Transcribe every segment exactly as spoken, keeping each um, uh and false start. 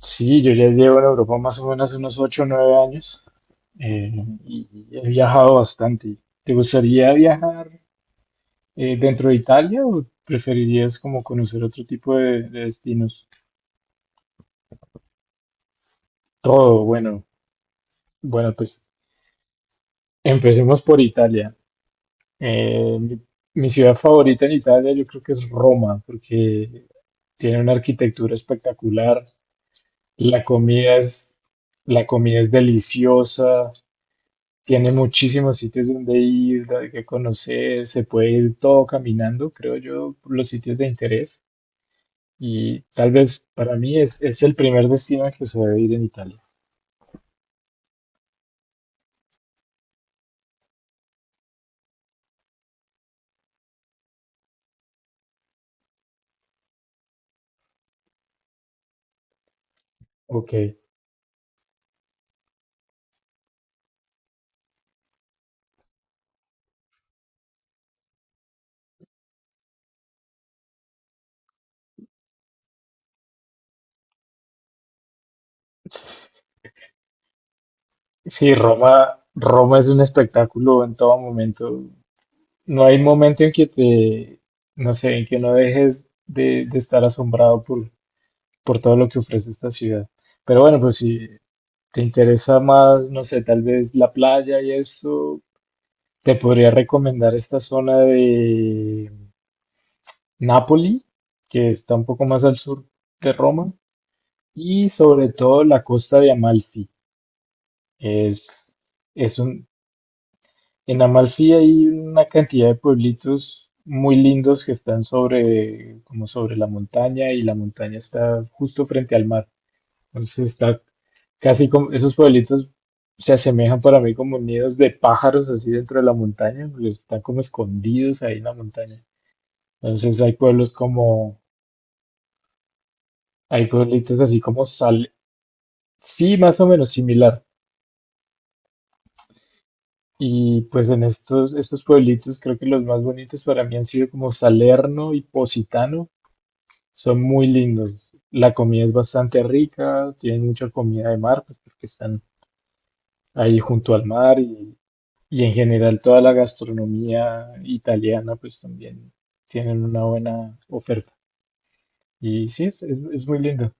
Sí, yo ya llevo en Europa más o menos unos ocho o nueve años, eh, y y he viajado bastante. ¿Te gustaría viajar eh, dentro de Italia o preferirías como conocer otro tipo de, de destinos? Todo, bueno, bueno, pues empecemos por Italia. Eh, mi, Mi ciudad favorita en Italia yo creo que es Roma porque tiene una arquitectura espectacular, la comida es, la comida es deliciosa. Tiene muchísimos sitios donde ir, hay que conocer, se puede ir todo caminando, creo yo, por los sitios de interés. Y tal vez para mí es, es el primer destino al que se debe ir en Italia. Ok. Sí, Roma, Roma es un espectáculo en todo momento. No hay momento en que te, no sé, en que no dejes de, de estar asombrado por, por todo lo que ofrece esta ciudad. Pero bueno, pues si te interesa más, no sé, tal vez la playa y eso, te podría recomendar esta zona de Nápoli, que está un poco más al sur de Roma, y sobre todo la costa de Amalfi. Es, es un, en Amalfi hay una cantidad de pueblitos muy lindos que están sobre, como sobre la montaña, y la montaña está justo frente al mar. Entonces está casi como, esos pueblitos se asemejan para mí como nidos de pájaros así dentro de la montaña, porque están como escondidos ahí en la montaña. Entonces hay pueblos como, hay pueblitos así como Sal, sí, más o menos similar. Y pues en estos, estos pueblitos creo que los más bonitos para mí han sido como Salerno y Positano. Son muy lindos. La comida es bastante rica, tienen mucha comida de mar, pues porque están ahí junto al mar y, y en general toda la gastronomía italiana pues también tienen una buena oferta. Y sí, es, es, es muy lindo.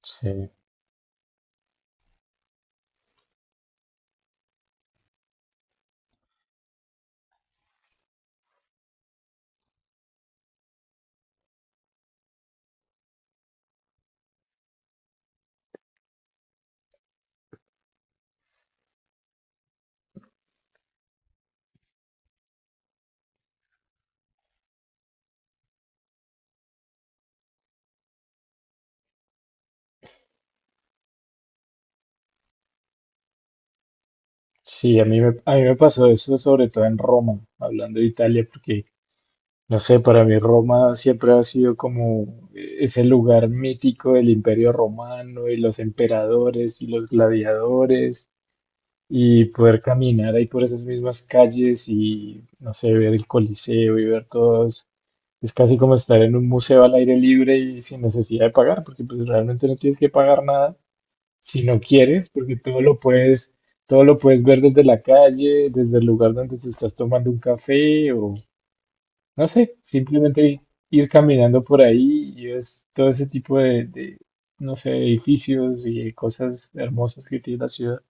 Sí. Sí, a mí me, a mí me pasó eso sobre todo en Roma, hablando de Italia, porque, no sé, para mí Roma siempre ha sido como eh, ese lugar mítico del Imperio Romano y los emperadores y los gladiadores y poder caminar ahí por esas mismas calles y, no sé, ver el Coliseo y ver todos. Es casi como estar en un museo al aire libre y sin necesidad de pagar, porque pues realmente no tienes que pagar nada si no quieres, porque todo lo puedes, todo lo puedes ver desde la calle, desde el lugar donde te estás tomando un café o no sé, simplemente ir caminando por ahí y es todo ese tipo de, de, no sé, edificios y cosas hermosas que tiene la ciudad.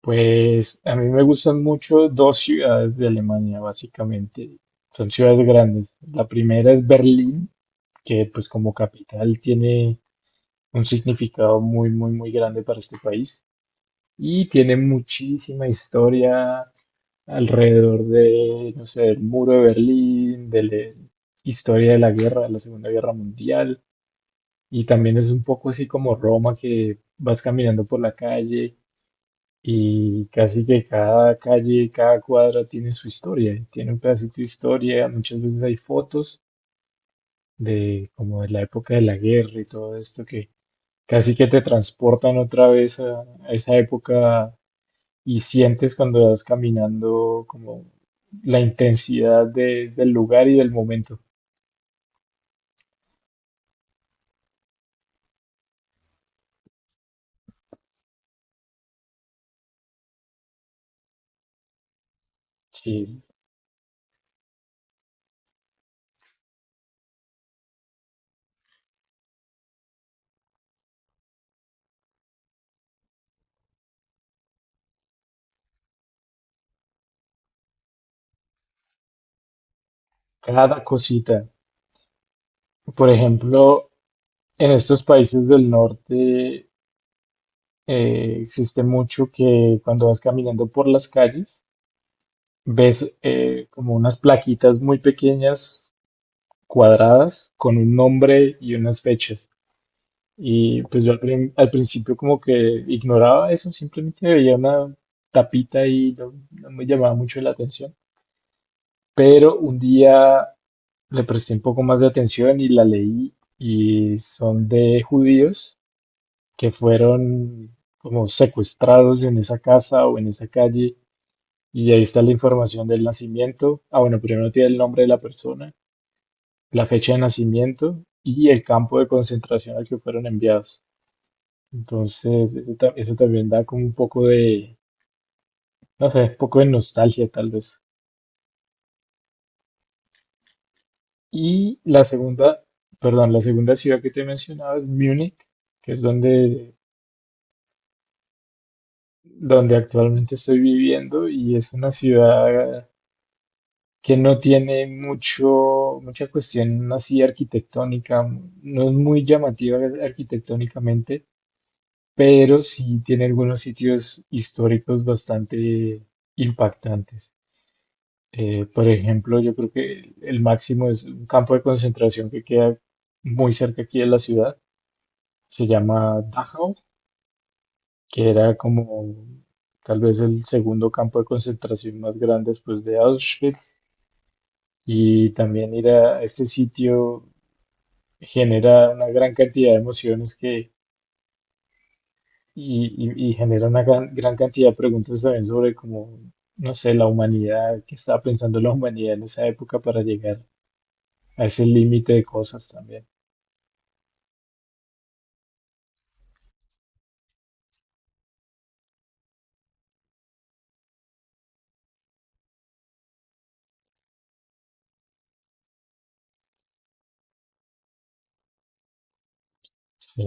Pues a mí me gustan mucho dos ciudades de Alemania, básicamente. Son ciudades grandes. La primera es Berlín, que pues como capital tiene un significado muy, muy, muy grande para este país. Y tiene muchísima historia alrededor de, no sé, del muro de Berlín, de la historia de la guerra, de la Segunda Guerra Mundial. Y también es un poco así como Roma, que vas caminando por la calle y casi que cada calle, cada cuadra tiene su historia, y tiene un pedacito de historia. Muchas veces hay fotos de como de la época de la guerra y todo esto que casi que te transportan otra vez a a esa época y sientes cuando vas caminando como la intensidad de- del lugar y del momento. Sí, cada cosita. Por ejemplo, en estos países del norte eh, existe mucho que cuando vas caminando por las calles ves eh, como unas plaquitas muy pequeñas, cuadradas, con un nombre y unas fechas. Y pues yo al, prin- al principio como que ignoraba eso, simplemente veía una tapita y no no me llamaba mucho la atención. Pero un día le presté un poco más de atención y la leí y son de judíos que fueron como secuestrados en esa casa o en esa calle y ahí está la información del nacimiento. Ah, bueno, primero tiene el nombre de la persona, la fecha de nacimiento y el campo de concentración al que fueron enviados. Entonces, eso, ta- eso también da como un poco de, no sé, un poco de nostalgia tal vez. Y la segunda, perdón, la segunda ciudad que te mencionaba es Múnich, que es donde, donde actualmente estoy viviendo y es una ciudad que no tiene mucho, mucha cuestión así arquitectónica, no es muy llamativa arquitectónicamente, pero sí tiene algunos sitios históricos bastante impactantes. Eh, por ejemplo, yo creo que el máximo es un campo de concentración que queda muy cerca aquí de la ciudad, se llama Dachau, que era como tal vez el segundo campo de concentración más grande después de Auschwitz. Y también ir a este sitio genera una gran cantidad de emociones que, y, y- y genera una gran, gran cantidad de preguntas también sobre cómo, no sé, la humanidad, qué estaba pensando la humanidad en esa época para llegar a ese límite de cosas también. Sí,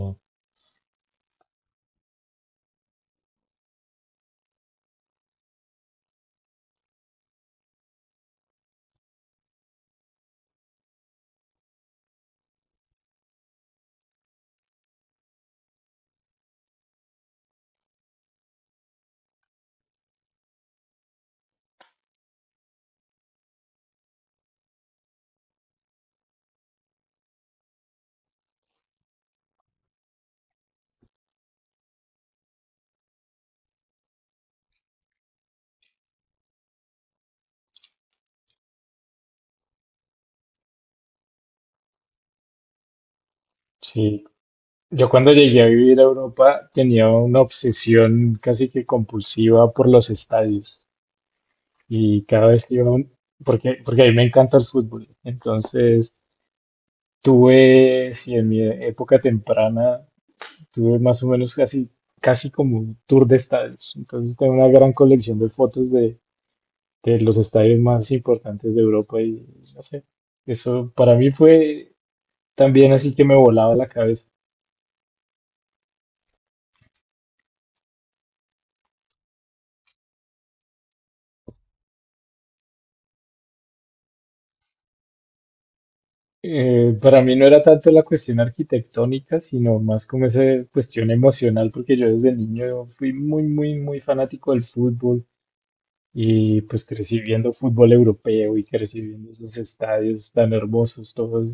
sí. Yo cuando llegué a vivir a Europa tenía una obsesión casi que compulsiva por los estadios y cada vez que iba, a un- porque, porque a mí me encanta el fútbol, entonces tuve, si en mi época temprana, tuve más o menos casi, casi como un tour de estadios, entonces tengo una gran colección de fotos de, de los estadios más importantes de Europa y no sé, eso para mí fue también así que me volaba la cabeza. Eh, para mí no era tanto la cuestión arquitectónica, sino más como esa cuestión emocional, porque yo desde niño fui muy, muy, muy fanático del fútbol y pues crecí viendo fútbol europeo y crecí viendo esos estadios tan hermosos todos.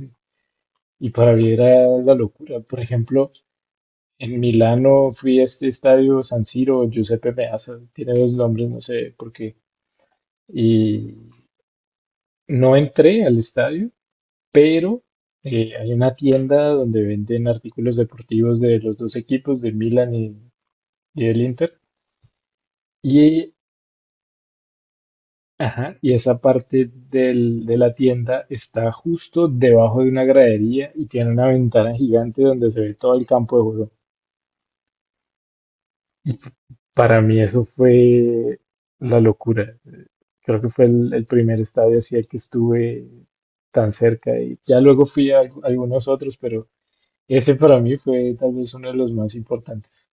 Y para mí era la locura. Por ejemplo, en Milano fui a este estadio San Siro, Giuseppe Meazza, tiene dos nombres, no sé por qué. Y no entré al estadio pero eh, hay una tienda donde venden artículos deportivos de los dos equipos, del Milan y, y del Inter. Y, ajá, y esa parte del- de la tienda está justo debajo de una gradería y tiene una ventana gigante donde se ve todo el campo de juego. Para mí eso fue la locura. Creo que fue el, el primer estadio así al que estuve tan cerca. Y ya luego fui a al- algunos otros, pero ese para mí fue tal vez uno de los más importantes.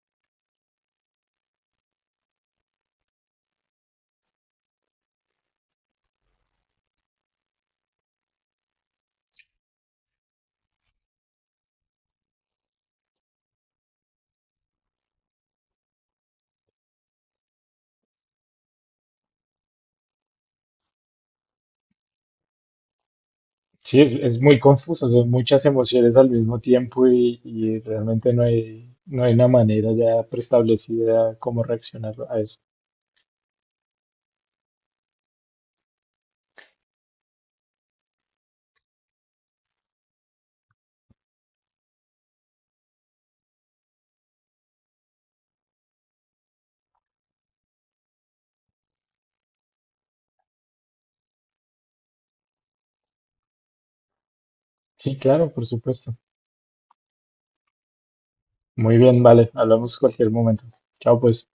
Sí, es, es muy confuso, son muchas emociones al mismo tiempo y, y realmente no hay, no hay una manera ya preestablecida cómo reaccionar a eso. Sí, claro, por supuesto. Muy bien, vale, hablamos cualquier momento. Chao, pues.